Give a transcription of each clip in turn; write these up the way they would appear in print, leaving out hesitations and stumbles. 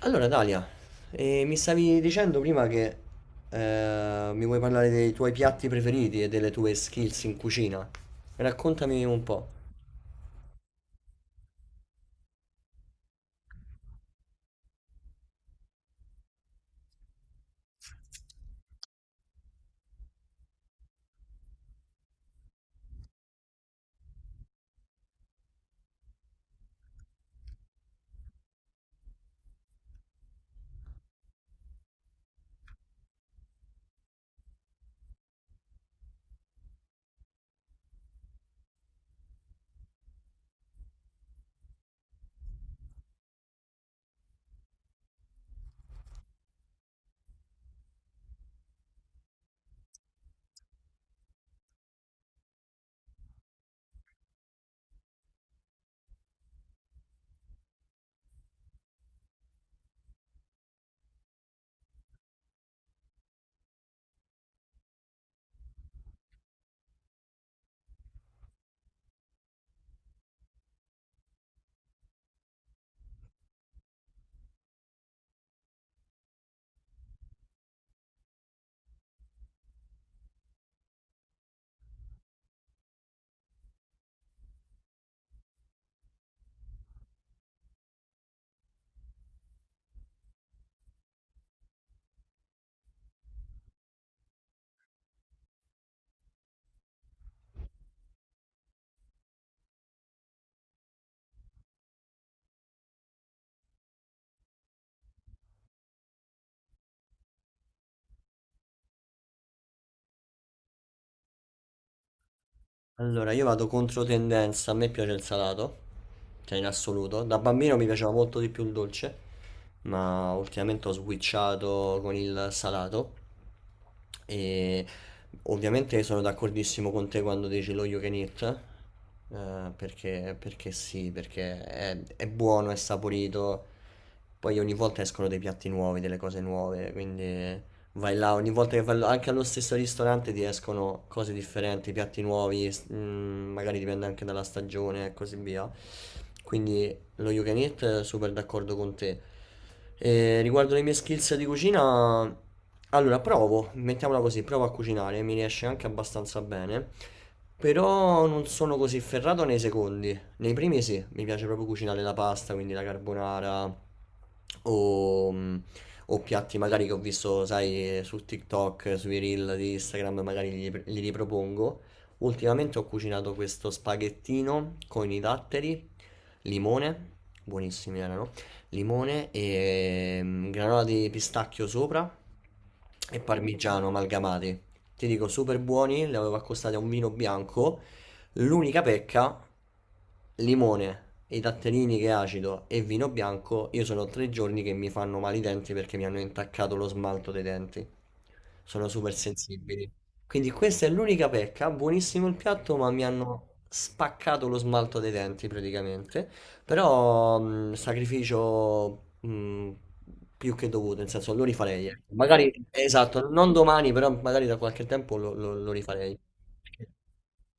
Allora, Dalia, mi stavi dicendo prima che mi vuoi parlare dei tuoi piatti preferiti e delle tue skills in cucina. Raccontami un po'. Allora, io vado contro tendenza, a me piace il salato, cioè in assoluto. Da bambino mi piaceva molto di più il dolce, ma ultimamente ho switchato con il salato. E ovviamente sono d'accordissimo con te quando dici lo you can eat, perché sì, perché è buono, è saporito. Poi ogni volta escono dei piatti nuovi, delle cose nuove, quindi vai là, ogni volta che anche allo stesso ristorante ti escono cose differenti, piatti nuovi, magari dipende anche dalla stagione e così via. Quindi lo you can eat, super d'accordo con te. E riguardo le mie skills di cucina, allora provo, mettiamola così, provo a cucinare, mi riesce anche abbastanza bene, però non sono così ferrato nei secondi. Nei primi sì, mi piace proprio cucinare la pasta, quindi la carbonara o mm, o piatti magari che ho visto, sai, su TikTok, sui reel di Instagram, magari li ripropongo. Ultimamente ho cucinato questo spaghettino con i datteri, limone, buonissimi erano, limone e granola di pistacchio sopra e parmigiano amalgamati. Ti dico, super buoni, li avevo accostati a un vino bianco. L'unica pecca, limone, i datterini che è acido e vino bianco, io sono 3 giorni che mi fanno male i denti perché mi hanno intaccato lo smalto dei denti. Sono super sensibili. Quindi questa è l'unica pecca, buonissimo il piatto, ma mi hanno spaccato lo smalto dei denti praticamente. Però sacrificio più che dovuto, nel senso lo rifarei. Ecco. Magari, esatto, non domani, però magari da qualche tempo lo rifarei. Perché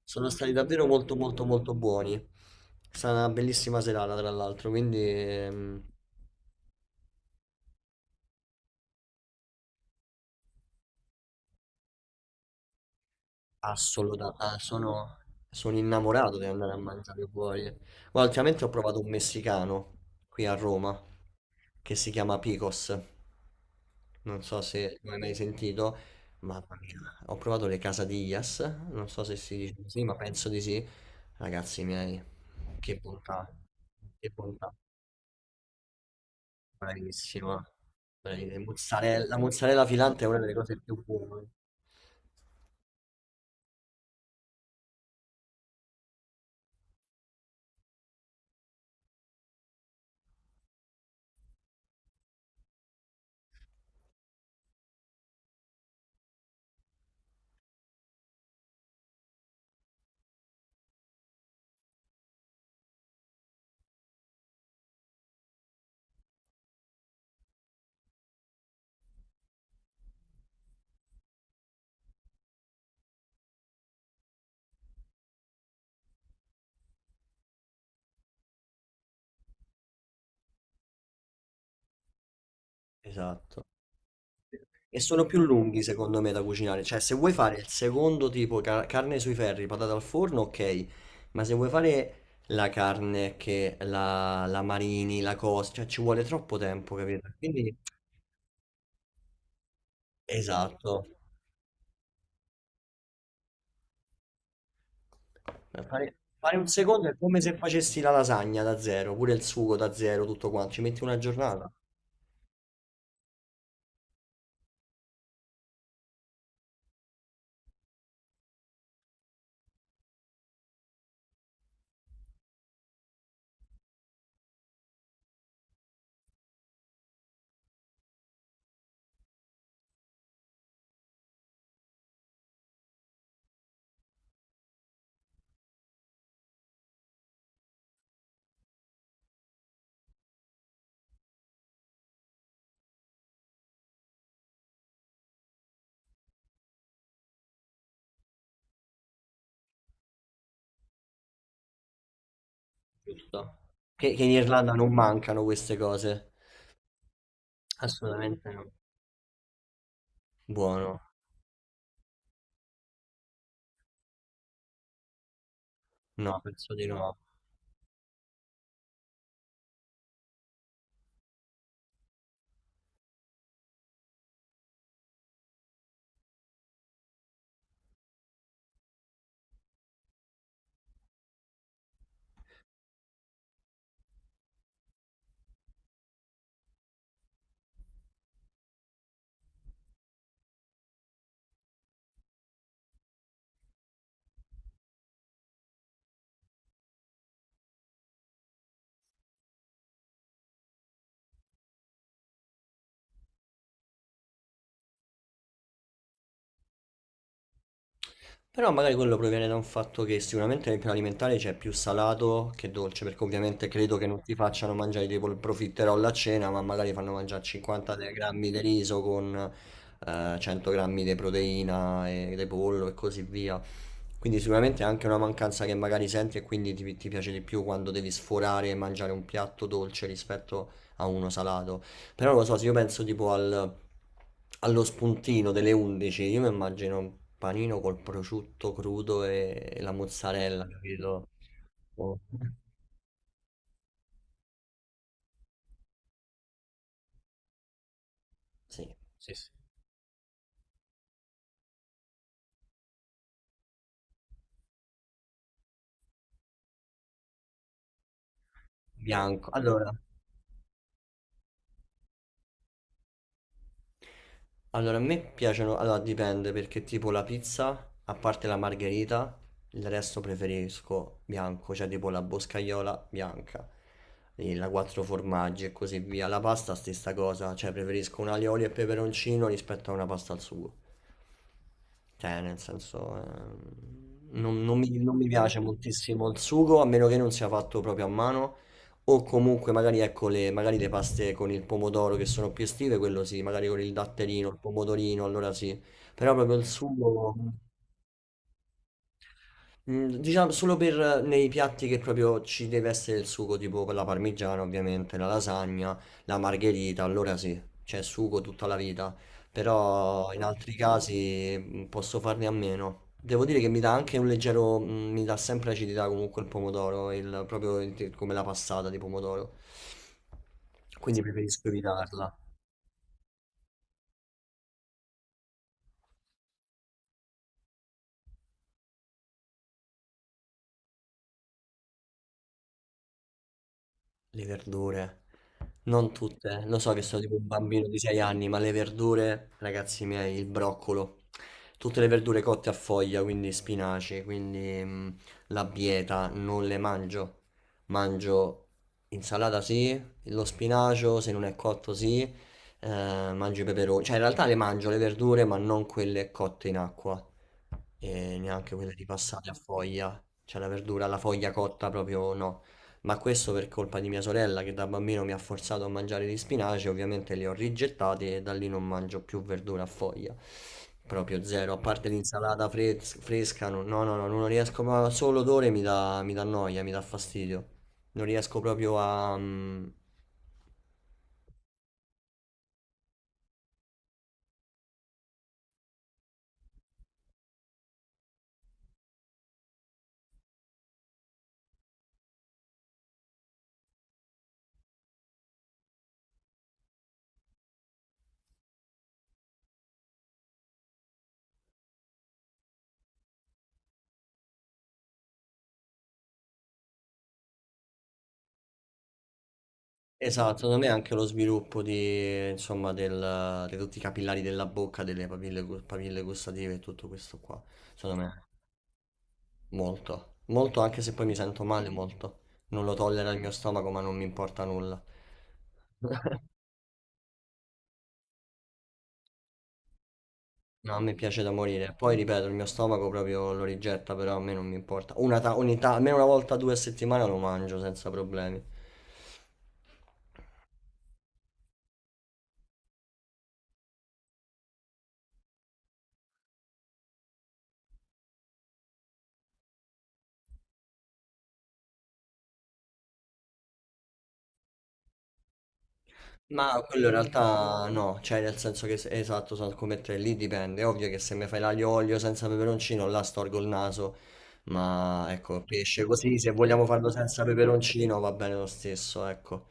Sono stati davvero molto molto molto buoni. È stata una bellissima serata, tra l'altro, quindi. Assolutamente, sono innamorato di andare a mangiare fuori. Guarda, ultimamente ho provato un messicano qui a Roma che si chiama Picos. Non so se lo hai mai sentito, ma ho provato le quesadillas. Non so se si dice così, ma penso di sì. Ragazzi miei, che bontà, che bontà, bravissima. Bravissima. La mozzarella filante è una delle cose più buone. Esatto. E sono più lunghi secondo me da cucinare, cioè se vuoi fare il secondo tipo, carne sui ferri, patate al forno, ok, ma se vuoi fare la carne che la marini, la cosa, cioè ci vuole troppo tempo, capito? Quindi, esatto, fare un secondo è come se facessi la lasagna da zero, pure il sugo da zero, tutto quanto, ci metti una giornata, giusto? Che in Irlanda non mancano queste cose, assolutamente no. Buono, no, penso di no. Però magari quello proviene da un fatto che sicuramente nel piano alimentare c'è più salato che dolce, perché ovviamente credo che non ti facciano mangiare tipo il profiterol a cena, ma magari fanno mangiare 50 grammi di riso con 100 grammi di proteina e di pollo e così via. Quindi sicuramente è anche una mancanza che magari senti e quindi ti piace di più quando devi sforare e mangiare un piatto dolce rispetto a uno salato. Però non lo so, se io penso tipo allo spuntino delle 11, io mi immagino un panino col prosciutto crudo e la mozzarella, capito? Oh, sì, sì, sì. Bianco. Allora, a me piacciono, allora dipende perché tipo la pizza, a parte la margherita, il resto preferisco bianco, cioè tipo la boscaiola bianca, e la quattro formaggi e così via. La pasta stessa cosa, cioè preferisco un alioli e peperoncino rispetto a una pasta al sugo. Cioè, nel senso, non mi piace moltissimo il sugo, a meno che non sia fatto proprio a mano, o comunque magari, ecco, magari le paste con il pomodoro che sono più estive, quello sì, magari con il datterino, il pomodorino, allora sì, però proprio il sugo. Diciamo solo per nei piatti che proprio ci deve essere il sugo, tipo con la parmigiana, ovviamente, la lasagna, la margherita, allora sì, c'è sugo tutta la vita. Però in altri casi posso farne a meno. Devo dire che mi dà anche un leggero, mi dà sempre acidità comunque il pomodoro, proprio come la passata di pomodoro. Quindi preferisco evitarla. Le verdure, non tutte, lo so che sono tipo un bambino di 6 anni, ma le verdure, ragazzi miei, il broccolo, tutte le verdure cotte a foglia, quindi spinaci, quindi la bieta, non le mangio. Mangio insalata sì, lo spinacio se non è cotto sì, mangio i peperoni, cioè in realtà le mangio le verdure, ma non quelle cotte in acqua e neanche quelle ripassate a foglia, cioè la verdura, la foglia cotta proprio no. Ma questo per colpa di mia sorella che da bambino mi ha forzato a mangiare gli spinaci, ovviamente li ho rigettati e da lì non mangio più verdura a foglia. Proprio zero, a parte l'insalata fresca, no, no, no, no, non riesco, ma solo l'odore mi dà noia, mi dà fastidio. Non riesco proprio. Esatto, secondo me anche lo sviluppo insomma, di tutti i capillari della bocca, delle papille, papille gustative e tutto questo qua, secondo me. Molto, molto anche se poi mi sento male molto. Non lo tollera il mio stomaco, ma non mi importa nulla. No, a me piace da morire. Poi ripeto, il mio stomaco proprio lo rigetta, però a me non mi importa. Una ta- ogni ta- Almeno una volta due a settimana lo mangio senza problemi. Ma quello in realtà no, cioè nel senso che esatto, sono come te, lì dipende. È ovvio che se mi fai l'aglio olio senza peperoncino, là storgo il naso. Ma ecco, pesce così, se vogliamo farlo senza peperoncino va bene lo stesso, ecco.